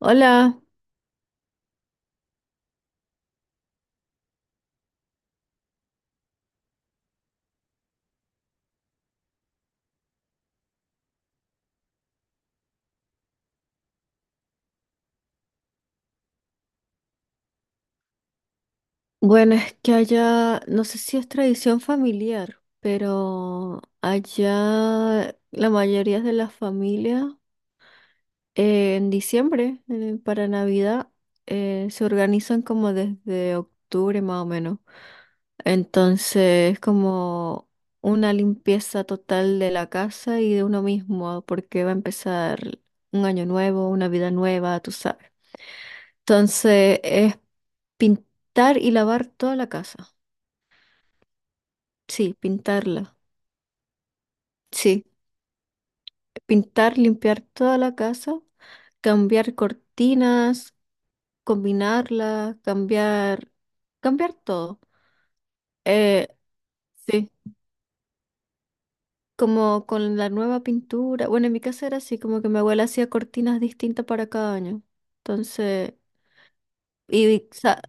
Hola, bueno, es que allá, no sé si es tradición familiar, pero allá la mayoría de las familias en diciembre, para Navidad, se organizan como desde octubre más o menos. Entonces es como una limpieza total de la casa y de uno mismo, porque va a empezar un año nuevo, una vida nueva, tú sabes. Entonces es pintar y lavar toda la casa. Sí, pintarla. Sí, pintar, limpiar toda la casa, cambiar cortinas, combinarla, cambiar, cambiar todo. Eh, sí, como con la nueva pintura. Bueno, en mi casa era así, como que mi abuela hacía cortinas distintas para cada año. Entonces, y sa-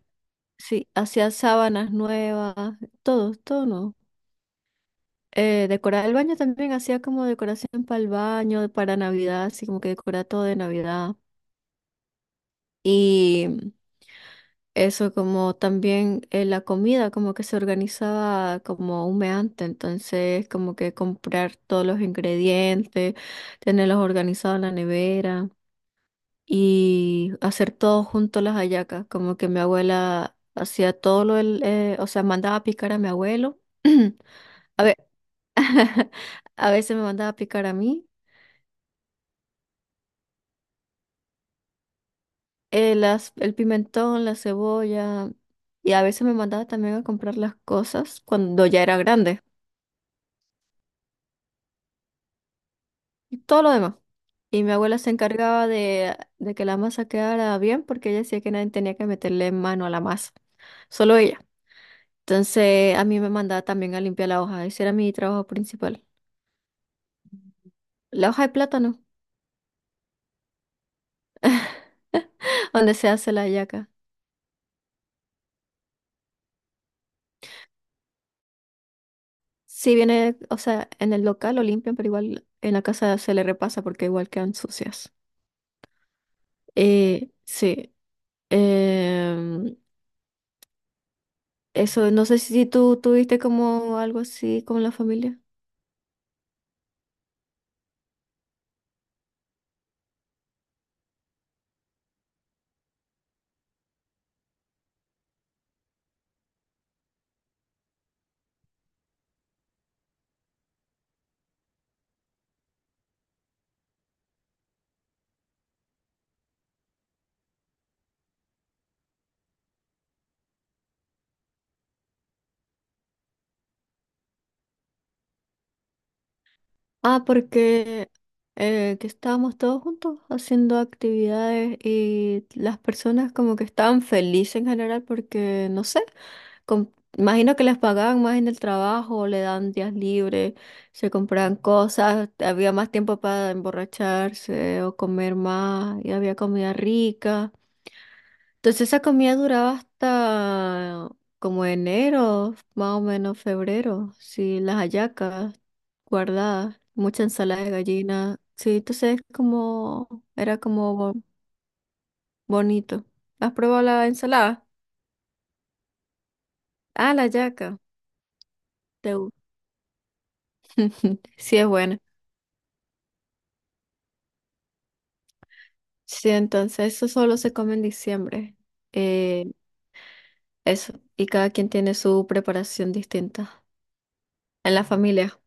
sí, hacía sábanas nuevas, todo, todo no. Decorar el baño también hacía como decoración para el baño, para Navidad, así como que decoraba todo de Navidad. Y Eso como también la comida como que se organizaba como humeante, entonces como que comprar todos los ingredientes, tenerlos organizados en la nevera y hacer todo junto las hallacas, como que mi abuela hacía todo o sea, mandaba a picar a mi abuelo, a ve- a veces me mandaba a picar a mí, el pimentón, la cebolla y a veces me mandaba también a comprar las cosas cuando ya era grande y todo lo demás. Y mi abuela se encargaba de que la masa quedara bien porque ella decía que nadie tenía que meterle mano a la masa, solo ella. Entonces a mí me mandaba también a limpiar la hoja, ese era mi trabajo principal. La hoja de plátano, donde se hace la hallaca. Si viene, o sea, en el local lo limpian, pero igual en la casa se le repasa porque igual quedan sucias. Sí, em, eso, no sé si tú tuviste como algo así con la familia. Ah, porque que estábamos todos juntos haciendo actividades y las personas como que estaban felices en general porque, no sé, com- imagino que les pagaban más en el trabajo, le dan días libres, se compraban cosas, había más tiempo para emborracharse o comer más y había comida rica. Entonces esa comida duraba hasta como enero, más o menos febrero, sí, las hallacas guardada, mucha ensalada de gallina. Sí, entonces es como, era como bonito. ¿Has probado la ensalada? Ah, la yaca. Te gu- Sí, es buena. Sí, entonces eso solo se come en diciembre. Eh, eso. Y cada quien tiene su preparación distinta en la familia.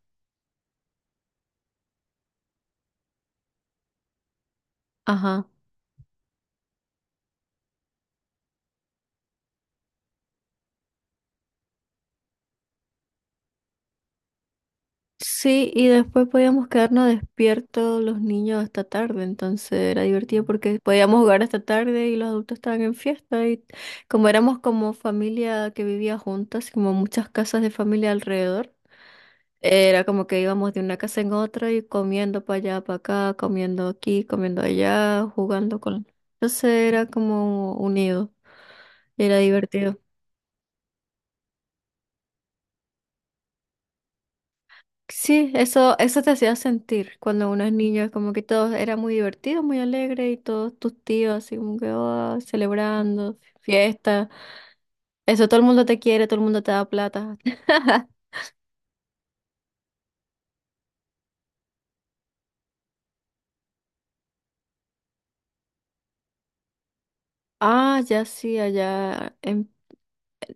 Ajá. Sí, y después podíamos quedarnos despiertos los niños hasta tarde, entonces era divertido porque podíamos jugar hasta tarde y los adultos estaban en fiesta y como éramos como familia que vivía juntas, como muchas casas de familia alrededor, era como que íbamos de una casa en otra y comiendo para allá, para acá, comiendo aquí, comiendo allá, jugando con... Entonces era como unido, era divertido. Sí, eso te hacía sentir cuando uno es niño, es como que todo era muy divertido, muy alegre y todos tus tíos así como que "Ah", celebrando, fiesta. Eso todo el mundo te quiere, todo el mundo te da plata. Ah, ya sí, allá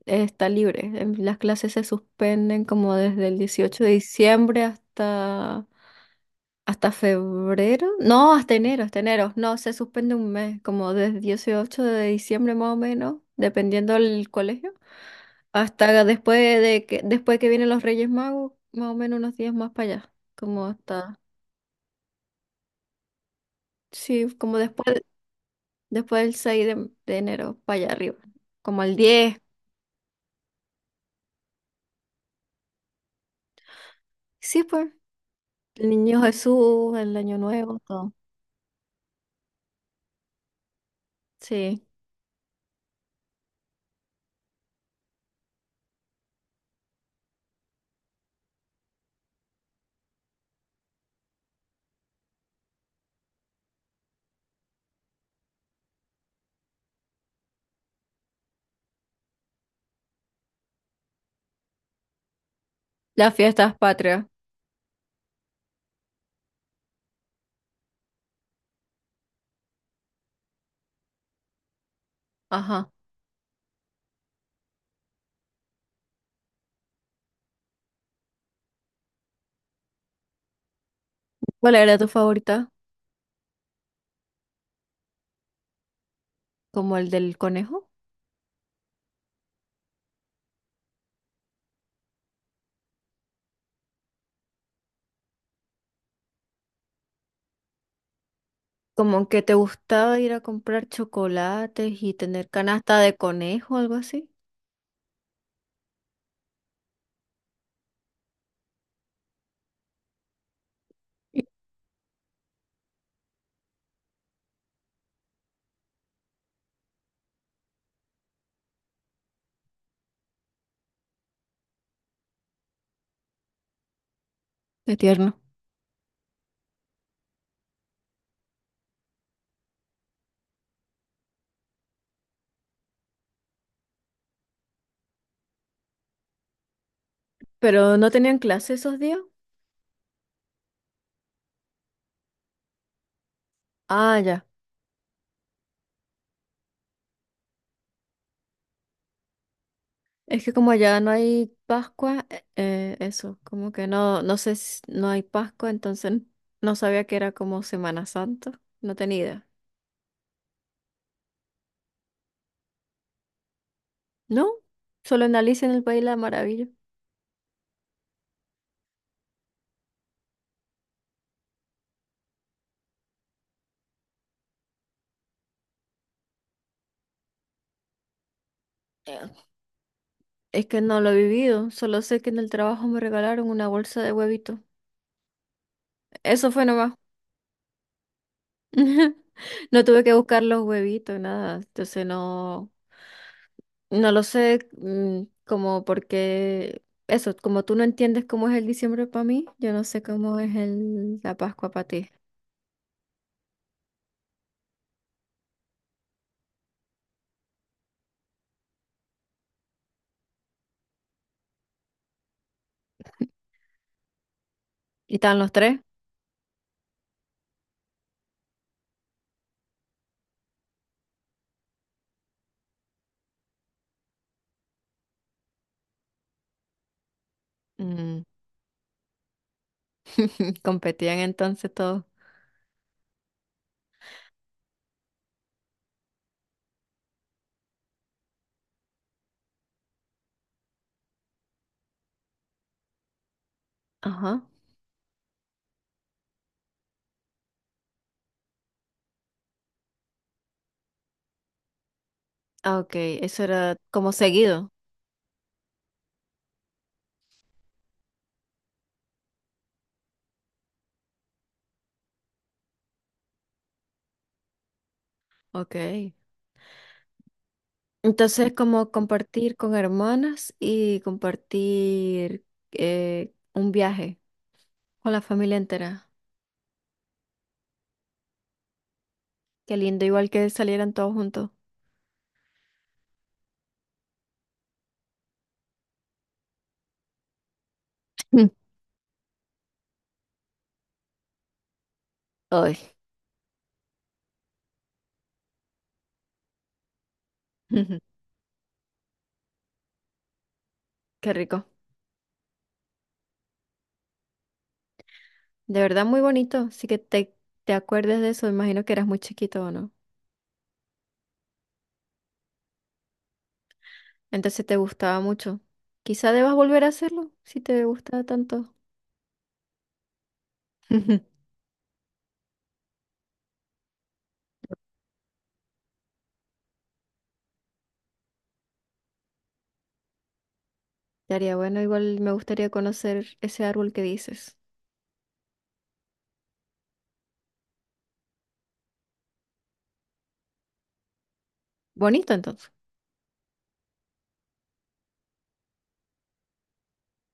está libre. Las clases se suspenden como desde el 18 de diciembre hasta, hasta febrero. No, hasta enero, hasta enero. No, se suspende un mes, como desde 18 de diciembre más o menos, dependiendo del colegio. Hasta después de después que vienen los Reyes Magos, más o menos unos días más para allá. Como hasta, sí, como después, después del 6 de enero, para allá arriba. Como el diez. Sí, pues. El Niño Jesús, el Año Nuevo, todo. Sí. Las fiestas patrias. Ajá. ¿Cuál era tu favorita? ¿Como el del conejo? Como que te gustaba ir a comprar chocolates y tener canasta de conejo, algo así. Qué tierno. Pero no tenían clase esos días. Ah, ya. Es que como allá no hay Pascua, eso, como que no, no sé si no hay Pascua, entonces no sabía que era como Semana Santa, no tenía idea. No, solo en Alicia en el País de la Maravilla. Eh, Es que no lo he vivido, solo sé que en el trabajo me regalaron una bolsa de huevitos. Eso fue nomás. No tuve que buscar los huevitos, nada. Entonces no, no lo sé, mm, como porque eso, como tú no entiendes cómo es el diciembre para mí, yo no sé cómo es la Pascua para ti. ¿Y estaban los tres? Mm, competían entonces todos. Ajá. Ah, ok. Eso era como seguido. Ok. Entonces, como compartir con hermanas y compartir un viaje con la familia entera. Qué lindo, igual que salieran todos juntos. Mm. Ay, qué rico. De verdad, muy bonito. Así que te acuerdes de eso. Imagino que eras muy chiquito o no. Entonces te gustaba mucho. Quizá debas volver a hacerlo si te gustaba tanto. Estaría bueno, igual me gustaría conocer ese árbol que dices. Bonito entonces.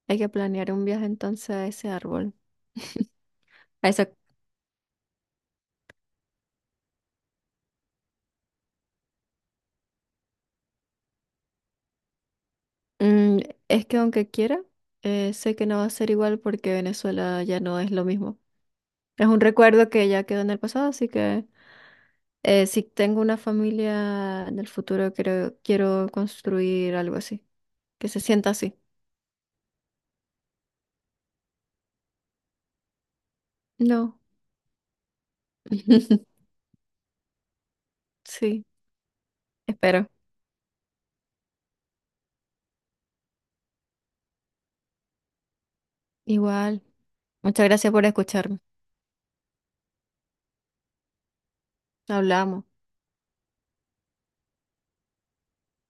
Hay que planear un viaje entonces a ese árbol. A esa... Mm, es que aunque quiera, sé que no va a ser igual porque Venezuela ya no es lo mismo. Es un recuerdo que ya quedó en el pasado, así que si tengo una familia en el futuro, quiero, quiero construir algo así, que se sienta así. No. Sí, espero. Igual. Muchas gracias por escucharme. Hablamos.